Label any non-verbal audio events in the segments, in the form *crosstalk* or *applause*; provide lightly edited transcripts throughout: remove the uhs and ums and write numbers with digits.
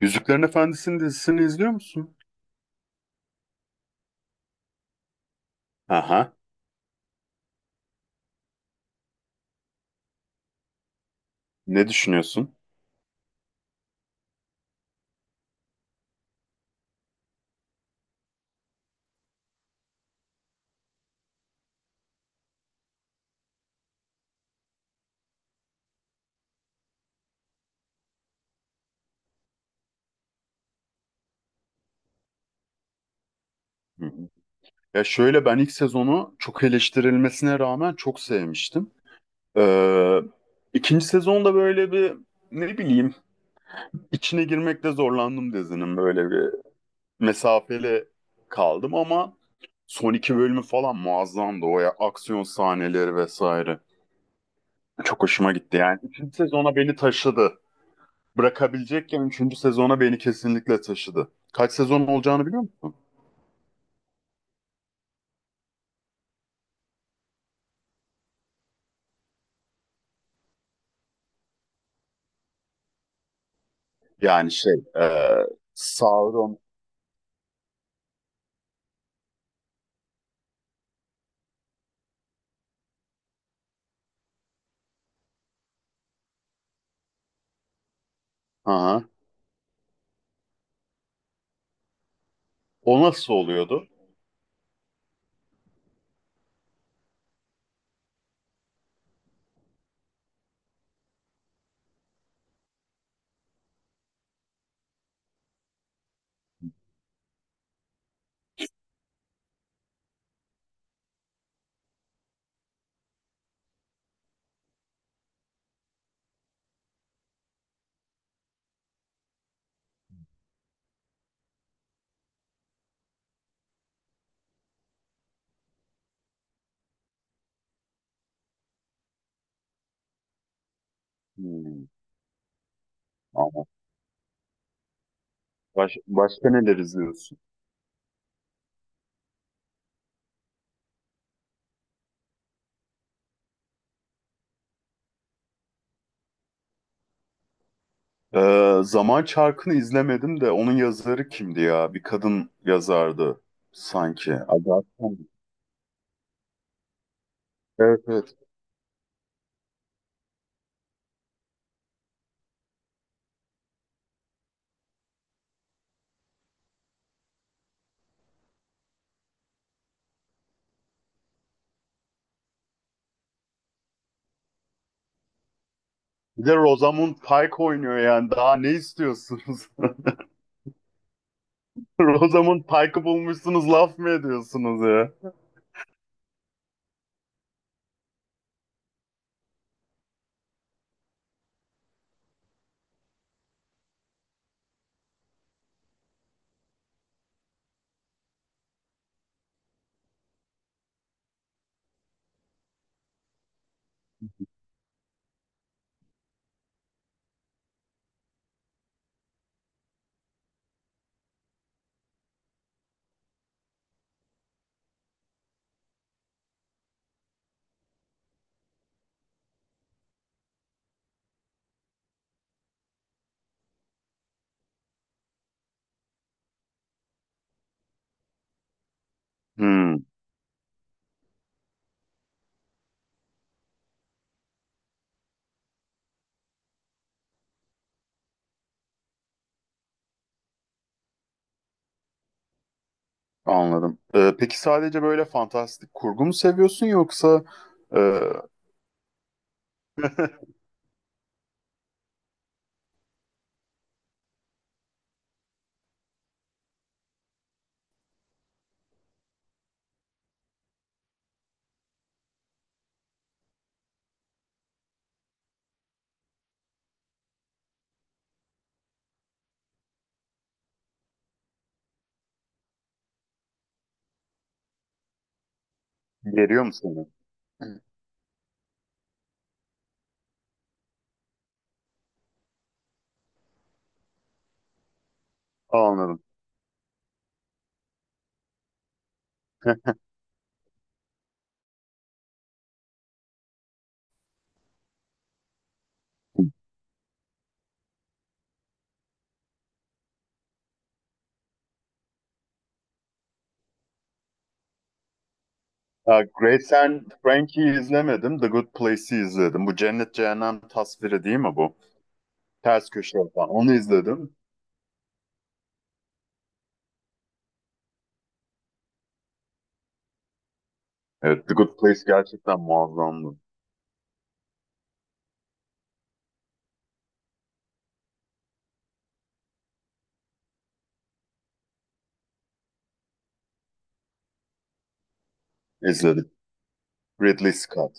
Yüzüklerin Efendisi'nin dizisini izliyor musun? Aha. Ne düşünüyorsun? Hı hı. Ya şöyle ben ilk sezonu çok eleştirilmesine rağmen çok sevmiştim. Ee, ikinci sezonda böyle bir ne bileyim içine girmekte zorlandım dizinin böyle bir mesafeli kaldım ama son iki bölümü falan muazzamdı o ya aksiyon sahneleri vesaire. Çok hoşuma gitti yani. Üçüncü sezona beni taşıdı. Bırakabilecekken üçüncü sezona beni kesinlikle taşıdı. Kaç sezon olacağını biliyor musun? Yani şey, e, Sauron. Aha. O nasıl oluyordu? Hmm, ama baş, başka neler izliyorsun? E, Zaman Çarkı'nı izlemedim de onun yazarı kimdi ya? Bir kadın yazardı sanki. Agatha mı? Evet, evet. Bir de Rosamund Pike oynuyor yani. Daha ne istiyorsunuz? *laughs* Rosamund Pike'ı bulmuşsunuz laf mı ediyorsunuz ya? Hmm, anladım. E, peki sadece böyle fantastik kurgu mu seviyorsun yoksa e, *laughs* Geliyor mu sana? Hı. Anladım. Ha, Grace and Frankie'yi izlemedim. The Good Place'i izledim. Bu cennet cehennem tasviri değil mi bu? Ters köşe falan. Onu izledim. Evet, The Good Place gerçekten muazzamdı. İzledim. Ridley Scott.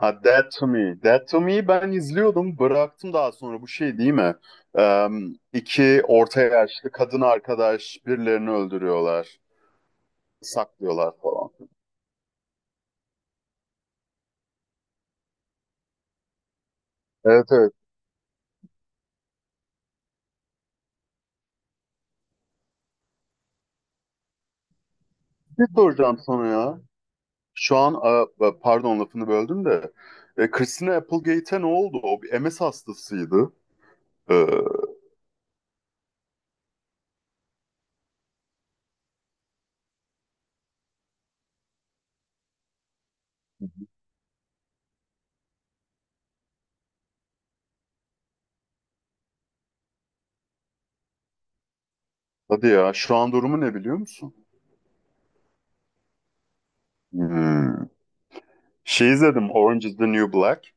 Ha, Dead to Me. Dead to Me'yi ben izliyordum. Bıraktım daha sonra. Bu şey değil mi? Eee iki orta yaşlı kadın arkadaş birilerini öldürüyorlar. Saklıyorlar falan. Evet, evet. Bir soracağım sana ya. Şu an a- pardon lafını böldüm de Christina Applegate'e ne oldu? O bir MS hastasıydı. E, hadi ya şu an durumu ne biliyor musun? Hmm. Şey izledim Orange is the New Black.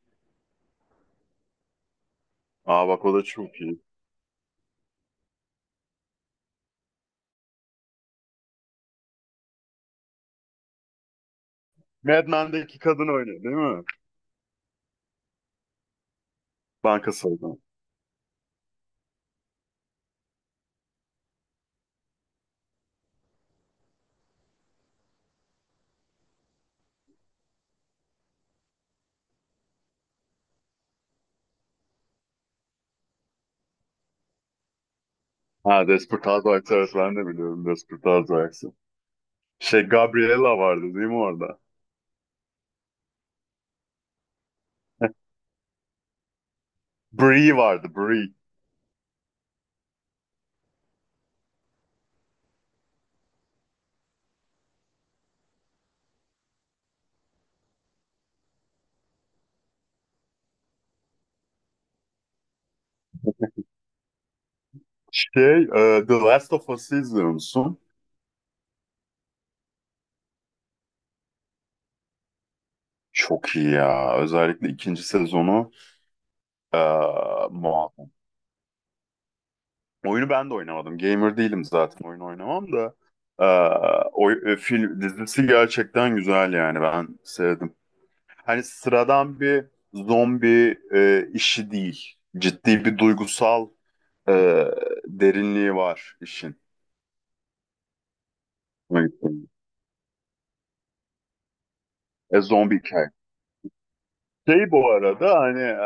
Aa bak o da çok iyi. Mad Men'deki kadın oynuyor değil mi? Banka soygun. Ha, Desperate Housewives, evet ben de biliyorum Desperate Housewives'ı. Şey Gabriella vardı değil mi orada? *laughs* Brie vardı, Brie. Şey The Last of Us'ı izliyor musun? Çok iyi ya. Özellikle ikinci sezonu. Ee, Muhakkak. Oyunu ben de oynamadım. Gamer değilim zaten. Oyun oynamam da. Ee, oy- film dizisi gerçekten güzel yani. Ben sevdim. Hani sıradan bir zombi işi değil. Ciddi bir duygusal e, derinliği var işin. Hoşuma gitti. E, zombi hikaye. Şey bu arada hani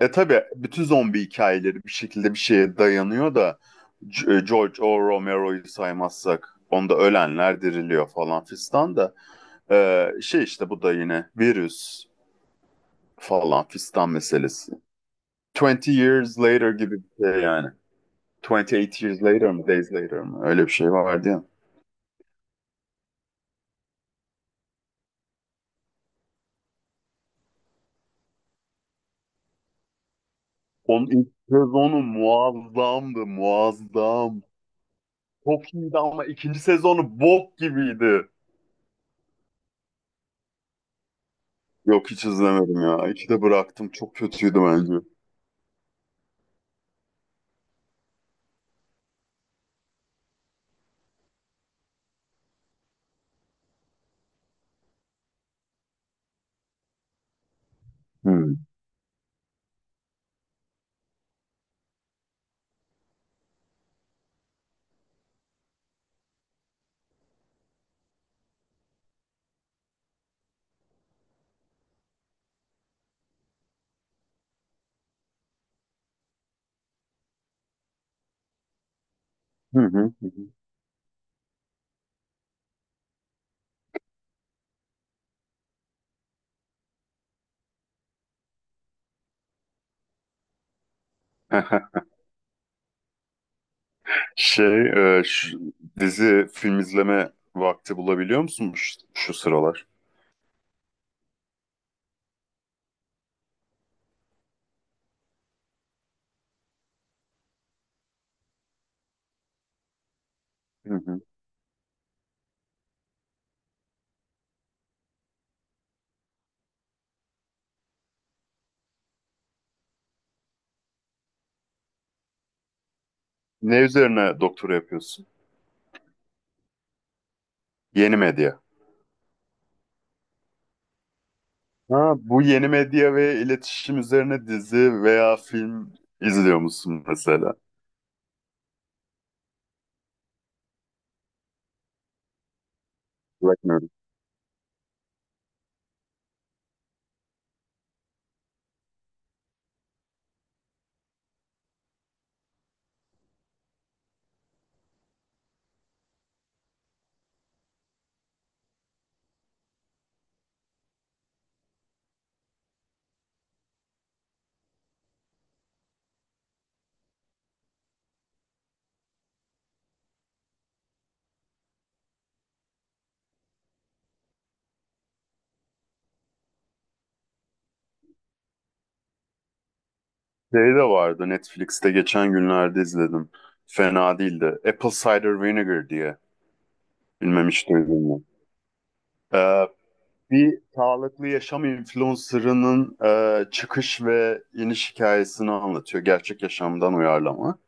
E tabii bütün zombi hikayeleri bir şekilde bir şeye dayanıyor da C- George O. Romero'yu saymazsak onda ölenler diriliyor falan fistan da şey işte bu da yine virüs falan fistan meselesi. 20 years later gibi bir şey yani. 28 years later mı, days later mı? Öyle bir şey vardı ya. Onun ilk sezonu muazzamdı, muazzam. Çok iyiydi ama ikinci sezonu bok gibiydi. Yok, hiç izlemedim ya. İki de bıraktım. Çok kötüydü bence. Hmm. Hı hı hı. Hı. *laughs* Şey, şu dizi film izleme vakti bulabiliyor musun şu, şu sıralar? Hı hı. Ne üzerine doktora yapıyorsun? Yeni medya. Ha, bu yeni medya ve iletişim üzerine dizi veya film izliyor musun mesela? Bakmıyorum. Şey de vardı Netflix'te geçen günlerde izledim. Fena değildi. Apple Cider Vinegar diye. Bilmem hiç duydun mu? Bir sağlıklı yaşam influencer'ının çıkış ve iniş hikayesini anlatıyor. Gerçek yaşamdan uyarlama.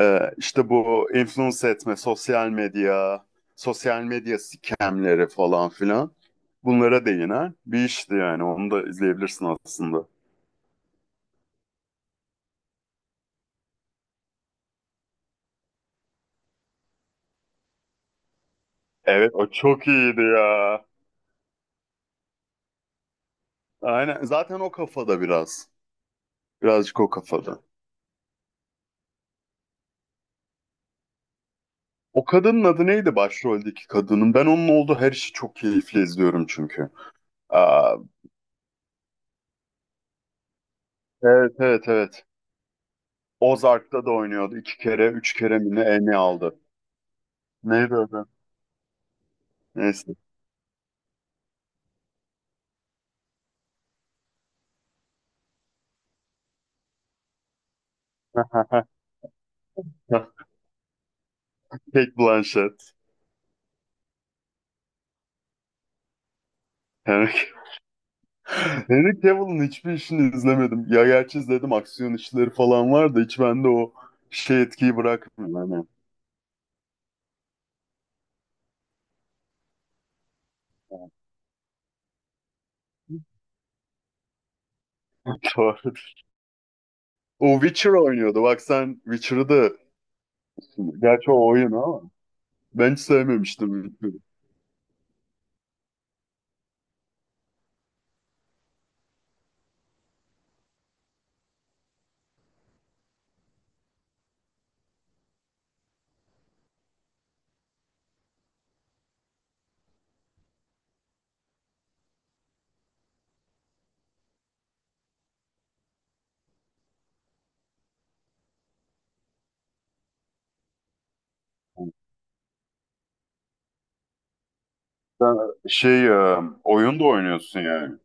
E, işte bu influence etme, sosyal medya, sosyal medya scamleri falan filan. Bunlara değinen bir işti yani. Onu da izleyebilirsin aslında. Evet, o çok iyiydi ya. Aynen. Zaten o kafada biraz. Birazcık o kafada. O kadının adı neydi başroldeki kadının? Ben onun olduğu her işi çok keyifli izliyorum çünkü. Aa, evet evet evet. Ozark'ta da oynuyordu. İki kere, üç kere mi ne Emmy aldı. Neydi adı? Neyse. *laughs* Kate Blanchett. Henry *laughs* Henry Cavill'ın hiçbir işini izlemedim. Ya gerçi izledim aksiyon işleri falan var da hiç bende o şey etkiyi bırakmıyor. Yani. Doğru. *laughs* O Witcher oynuyordu. Bak sen Witcher'ı da gerçi o oyun ama ben hiç sevmemiştim Witcher'ı. Sen şey oyun da oynuyorsun yani.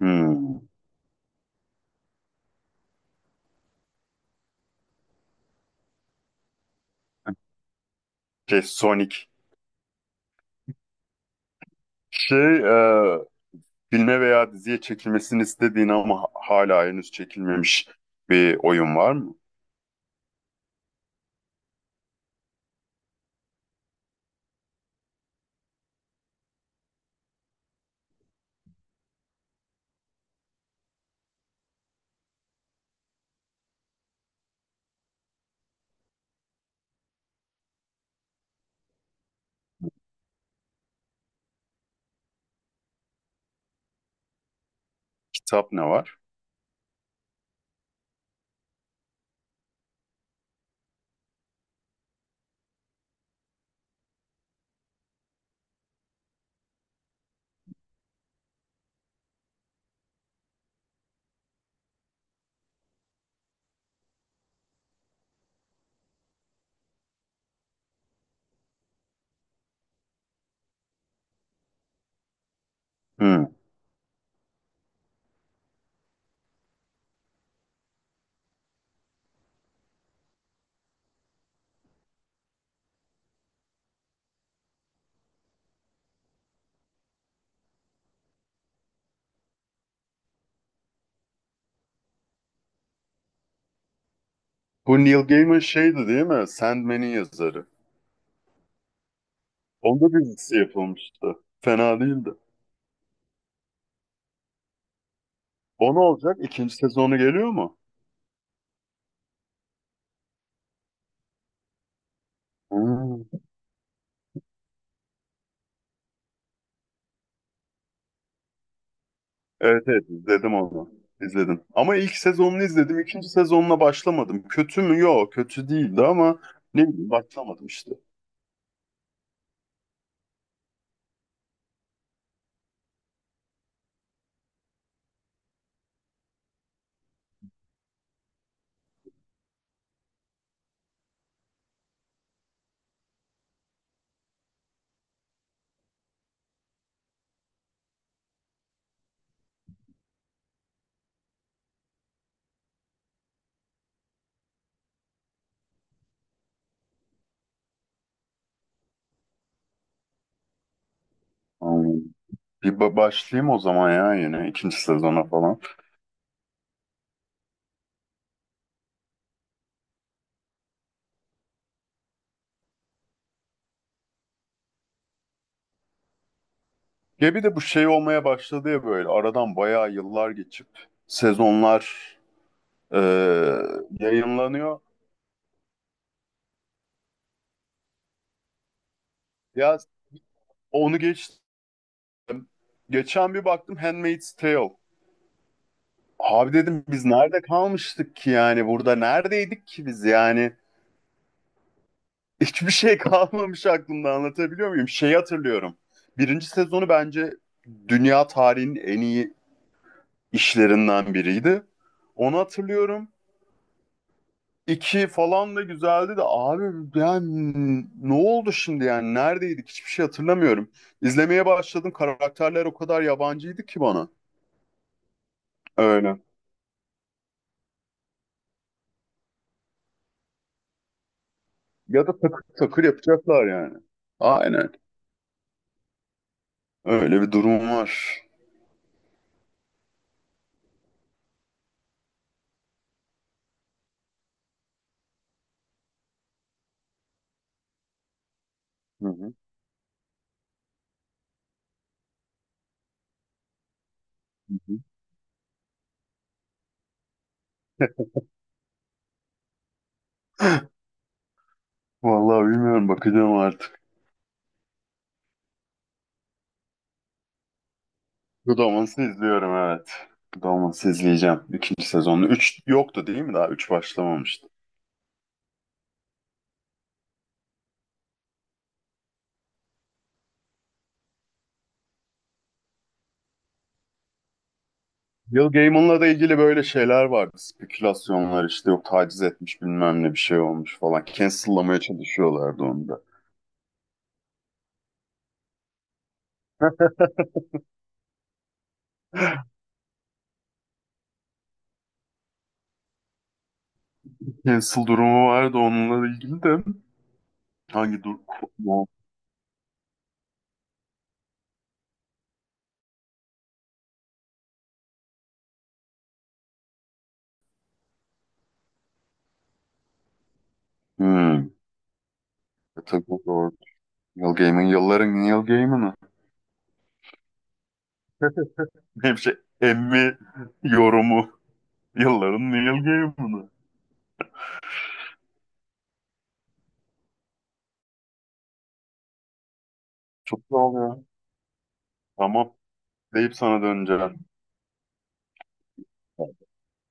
Hmm. Şey Sonic. Şey filme veya diziye çekilmesini istediğin ama hala henüz çekilmemiş bir oyun var mı? Kitap ne var? Hmm. Bu Neil Gaiman şeydi değil mi? Sandman'in yazarı. Onda bir dizisi yapılmıştı. Fena değildi. O ne olacak? İkinci sezonu geliyor mu? Hmm. Evet, evet izledim onu. İzledim. Ama ilk sezonunu izledim. İkinci sezonuna başlamadım. Kötü mü? Yok, kötü değildi ama ne bileyim başlamadım işte. Hmm. Bir ba- başlayayım o zaman ya yine ikinci sezona falan. Ya bir de bu şey olmaya başladı ya böyle aradan bayağı yıllar geçip sezonlar e, yayınlanıyor. Ya onu geçtim. Geçen bir baktım Handmaid's Tale. Abi dedim biz nerede kalmıştık ki yani burada neredeydik ki biz yani hiçbir şey *laughs* kalmamış aklımda anlatabiliyor muyum? Şeyi hatırlıyorum. Birinci sezonu bence dünya tarihinin en iyi işlerinden biriydi. Onu hatırlıyorum. İki falan da güzeldi de abi yani ne oldu şimdi yani neredeydik hiçbir şey hatırlamıyorum. İzlemeye başladım, karakterler o kadar yabancıydı ki bana. Öyle. Ya da takır takır yapacaklar yani. Aynen. Öyle bir durum var. Hı hı. Hı hı. *laughs* Vallahi bilmiyorum, bakacağım artık. Godaman'sı izliyorum evet. Godaman'sı izleyeceğim. İkinci sezonu. Üç yoktu değil mi daha? Üç başlamamıştı. Neil Gaiman'la da ilgili böyle şeyler vardı. Spekülasyonlar işte yok taciz etmiş bilmem ne bir şey olmuş falan. Cancel'lamaya çalışıyorlardı onu da. Cancel durumu vardı onunla ilgili de. Hangi dur... Hmm. E tabii o doğru. Neil Gaiman yılların Neil Gaiman'ı. Hep şey Emmy yorumu. Yılların Neil Gaiman'ı. Çok doğal ya. Tamam. Deyip sana döneceğim.